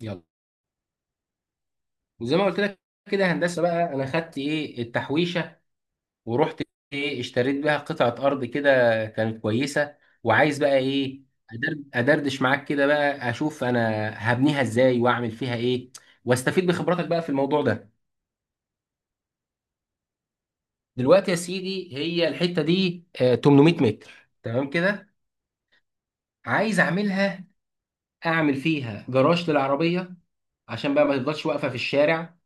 يلا، وزي ما قلت لك كده هندسه بقى. انا خدت ايه التحويشه ورحت ايه اشتريت بيها قطعه ارض كده. كانت كويسه. وعايز بقى ايه ادردش معاك كده بقى اشوف انا هبنيها ازاي واعمل فيها ايه، واستفيد بخبراتك بقى في الموضوع ده. دلوقتي يا سيدي، هي الحته دي 800 متر. تمام كده. عايز اعملها، اعمل فيها جراج للعربيه عشان بقى ما تفضلش واقفه في الشارع.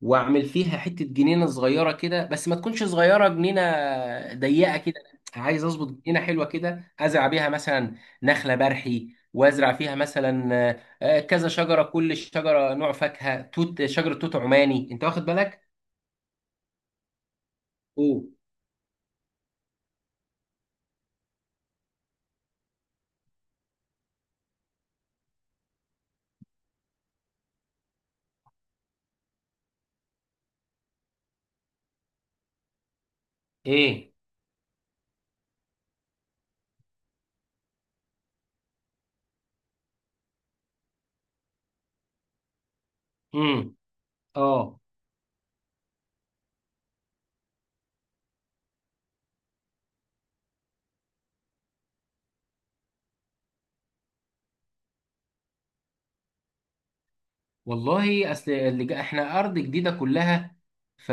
واعمل فيها حته جنينه صغيره كده، بس ما تكونش صغيره جنينه ضيقه كده. عايز اظبط جنينه حلوه كده، ازرع بيها مثلا نخله برحي، وازرع فيها مثلا كذا شجره، كل شجره نوع فاكهه. توت، شجره توت عماني، انت واخد بالك؟ اوه. ايه؟ امم اه. والله اصل اللي احنا ارض جديده كلها. ف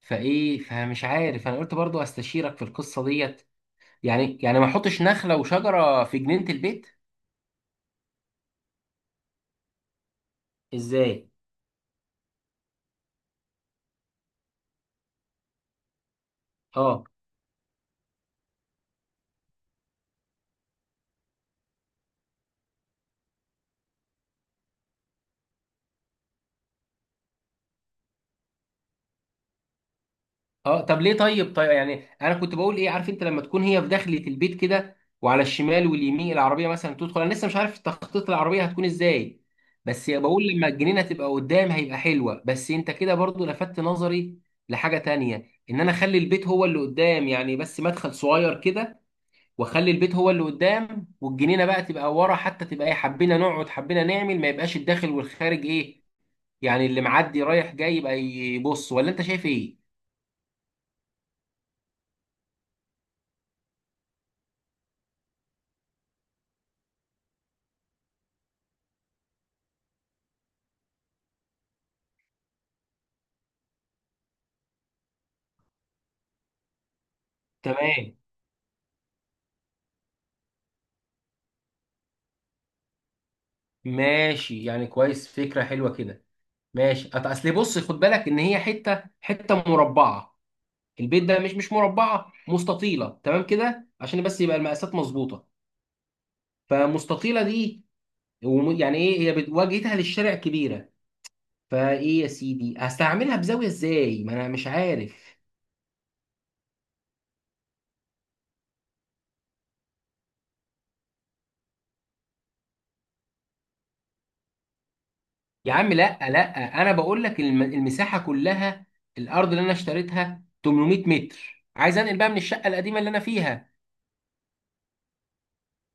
فايه، فمش عارف، انا قلت برضو استشيرك في القصه ديت. يعني ما احطش نخله وشجره في جنينه البيت. ازاي؟ اه اه. طب ليه؟ طيب طيب، يعني انا كنت بقول ايه، عارف انت لما تكون هي في داخلة البيت كده، وعلى الشمال واليمين العربية مثلا تدخل، انا لسه مش عارف تخطيط العربية هتكون ازاي. بس بقول لما الجنينة تبقى قدام هيبقى حلوة. بس انت كده برضو لفتت نظري لحاجة تانية، ان انا اخلي البيت هو اللي قدام يعني، بس مدخل صغير كده، واخلي البيت هو اللي قدام والجنينة بقى تبقى ورا، حتى تبقى ايه حبينا نقعد حبينا نعمل ما يبقاش الداخل والخارج ايه، يعني اللي معدي رايح جاي يبقى يبص. ولا انت شايف ايه؟ تمام. ماشي، يعني كويس، فكرة حلوة كده. ماشي. اصل بص خد بالك ان هي حتة حتة مربعة، البيت ده مش مربعة، مستطيلة تمام كده عشان بس يبقى المقاسات مظبوطة. فمستطيلة دي، يعني ايه، هي واجهتها للشارع كبيرة. فايه يا سيدي هستعملها بزاوية ازاي، ما انا مش عارف. يا عم لا لا، انا بقول لك المساحة كلها، الارض اللي انا اشتريتها 800 متر، عايز انقل بقى من الشقة القديمة اللي انا فيها.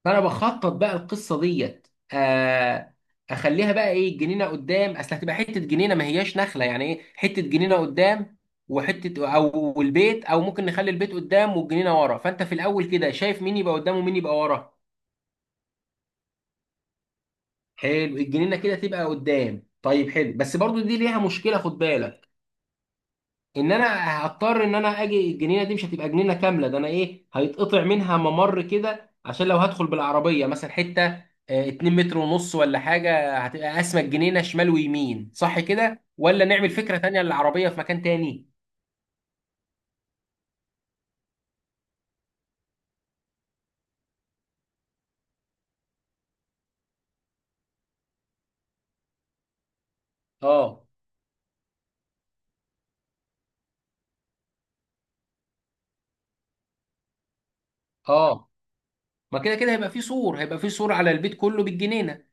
فانا بخطط بقى القصه ديت. آه، اخليها بقى ايه جنينه قدام، اصل هتبقى حته جنينه، ما هياش نخله يعني ايه، حته جنينه قدام، وحته او البيت، او ممكن نخلي البيت قدام والجنينه ورا. فانت في الاول كده شايف مين يبقى قدام ومين يبقى ورا؟ حلو، الجنينه كده تبقى قدام. طيب، حلو. بس برضو دي ليها مشكله خد بالك، ان انا هضطر ان انا اجي الجنينه دي مش هتبقى جنينه كامله، ده انا ايه هيتقطع منها ممر كده عشان لو هدخل بالعربيه مثلا حته 2 متر ونص ولا حاجه، هتبقى قاسمه الجنينه شمال ويمين. صح كده، ولا نعمل فكره تانية للعربيه في مكان تاني؟ اه اه. ما كده كده هيبقى في سور، هيبقى في سور على البيت كله بالجنينه.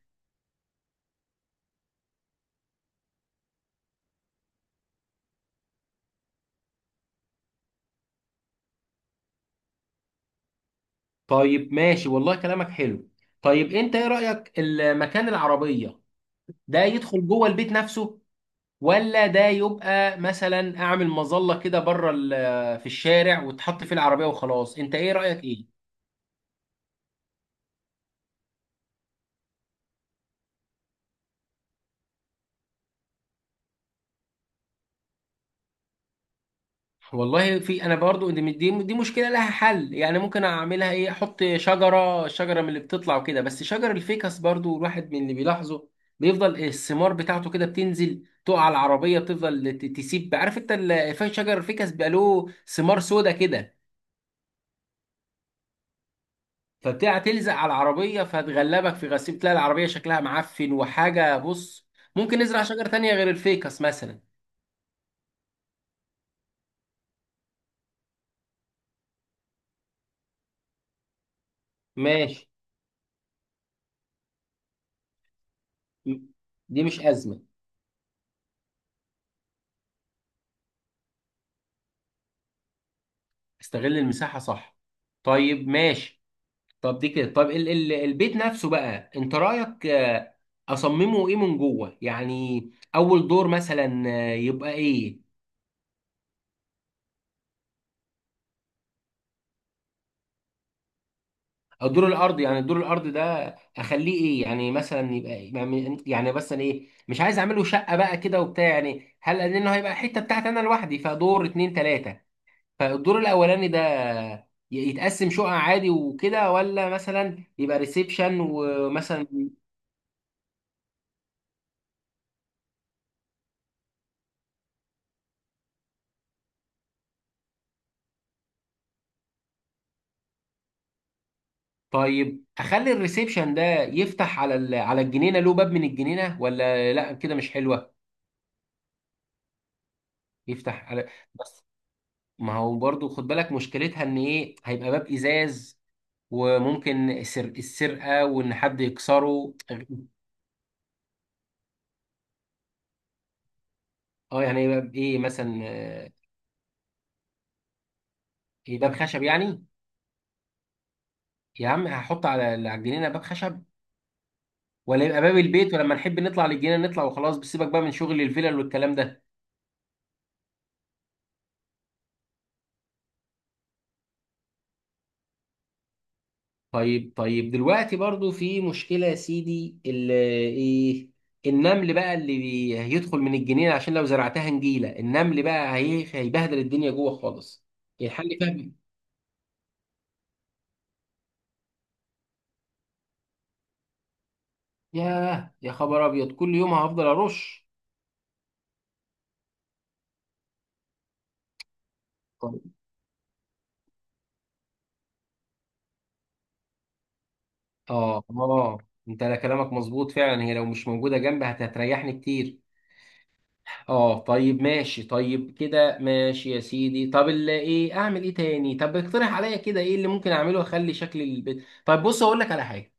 طيب ماشي، والله كلامك حلو. طيب انت ايه رايك، المكان العربيه ده يدخل جوه البيت نفسه، ولا ده يبقى مثلا اعمل مظله كده بره في الشارع وتحط فيه العربيه وخلاص؟ انت ايه رايك ايه؟ والله في، انا برضو دي مشكله لها حل يعني. ممكن اعملها ايه، احط شجره شجره من اللي بتطلع وكده، بس شجر الفيكس برضو الواحد من اللي بيلاحظه بيفضل الثمار بتاعته كده بتنزل تقع على العربيه، بتفضل تسيب، عارف انت شجر الفيكس بيبقى له ثمار سودا كده، فبتاع تلزق على العربية، فتغلبك في غسيل، تلاقي العربية شكلها معفن وحاجة بص. ممكن نزرع شجرة تانية غير الفيكس مثلا. ماشي. م- دي مش أزمة. استغل المساحة، صح. طيب ماشي. طب دي كده، طب ال البيت نفسه بقى انت رأيك، اصممه ايه من جوه يعني. اول دور مثلا يبقى ايه، او دور الارض، يعني دور الارض ده اخليه ايه يعني، مثلا يبقى، يعني مثلا ايه، مش عايز اعمله شقه بقى كده وبتاع، يعني هل لانه هيبقى حته بتاعتي انا لوحدي، فدور اتنين تلاته، فالدور الاولاني ده يتقسم شقق عادي وكده، ولا مثلا يبقى ريسبشن ومثلا. طيب اخلي الريسبشن ده يفتح على على الجنينه، له باب من الجنينه، ولا لا كده مش حلوه؟ يفتح على. بس ما هو برضو خد بالك مشكلتها ان ايه، هيبقى باب ازاز، وممكن السرقه، وان حد يكسره. اه يعني ايه باب، ايه مثلا ايه باب خشب يعني؟ يا عم هحط على الجنينه باب خشب، ولا يبقى باب البيت ولما نحب نطلع للجنينه نطلع وخلاص، بس سيبك بقى من شغل الفلل والكلام ده. طيب طيب، دلوقتي برضو في مشكله يا سيدي ايه، النمل بقى اللي هيدخل من الجنينه، عشان لو زرعتها نجيله، النمل بقى هيبهدل الدنيا جوه خالص. الحل فيها؟ ياه يا خبر ابيض، كل يوم هفضل ارش؟ طيب. اه اه، انت لا كلامك مظبوط فعلا، هي لو مش موجوده جنبي هتريحني كتير. اه طيب ماشي، طيب كده ماشي يا سيدي، طب اللي ايه، اعمل ايه تاني؟ طب اقترح عليا كده ايه اللي ممكن اعمله اخلي شكل البيت؟ طيب بص اقول لك على حاجه،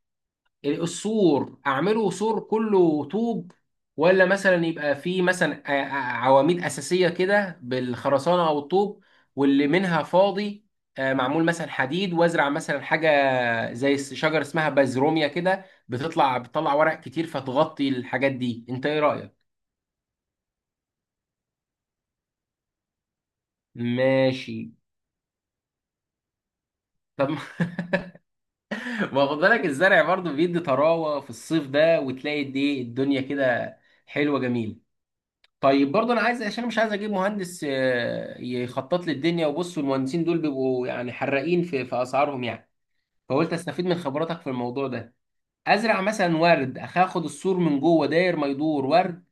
السور اعمله سور كله طوب، ولا مثلا يبقى فيه مثلا عواميد اساسيه كده بالخرسانه او الطوب، واللي منها فاضي معمول مثلا حديد، وازرع مثلا حاجه زي شجره اسمها بازروميا كده بتطلع بتطلع ورق كتير فتغطي الحاجات دي، انت ايه رايك؟ ماشي. طب ما ما خد بالك الزرع برضه بيدي طراوه في الصيف ده، وتلاقي دي الدنيا كده حلوه جميله. طيب برضه انا عايز عشان مش عايز اجيب مهندس يخطط لي الدنيا، وبص المهندسين دول بيبقوا يعني حراقين في اسعارهم يعني، فقلت استفيد من خبراتك في الموضوع ده. ازرع مثلا ورد، اخد السور من جوه داير ما يدور ورد،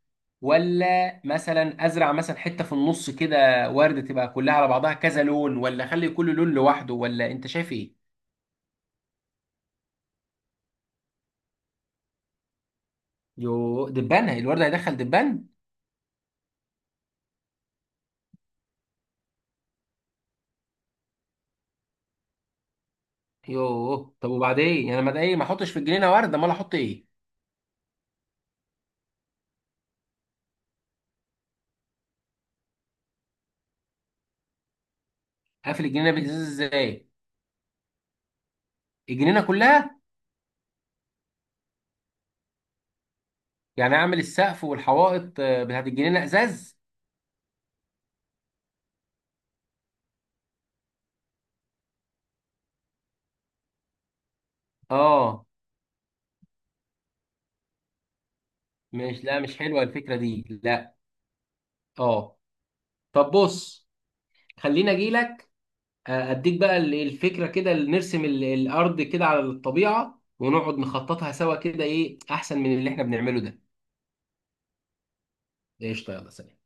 ولا مثلا ازرع مثلا حته في النص كده ورد، تبقى كلها على بعضها كذا لون، ولا اخلي كل لون لوحده؟ ولا انت شايف ايه؟ يوه، دبان الورد هيدخل دبان؟ يوه، طب وبعدين يعني، ما ده ايه، ما احطش في الجنينه ورد، امال احط ايه؟ اقفل الجنينه بالازاز ازاي؟ الجنينه كلها؟ يعني اعمل السقف والحوائط بتاعت الجنينه ازاز؟ اه. مش، لا مش حلوه الفكره دي، لا. اه. طب بص، خليني اجي لك اديك بقى الفكره كده، اللي نرسم الارض كده على الطبيعه ونقعد نخططها سوا كده، ايه احسن من اللي احنا بنعمله ده. قشطه، يلا سلام.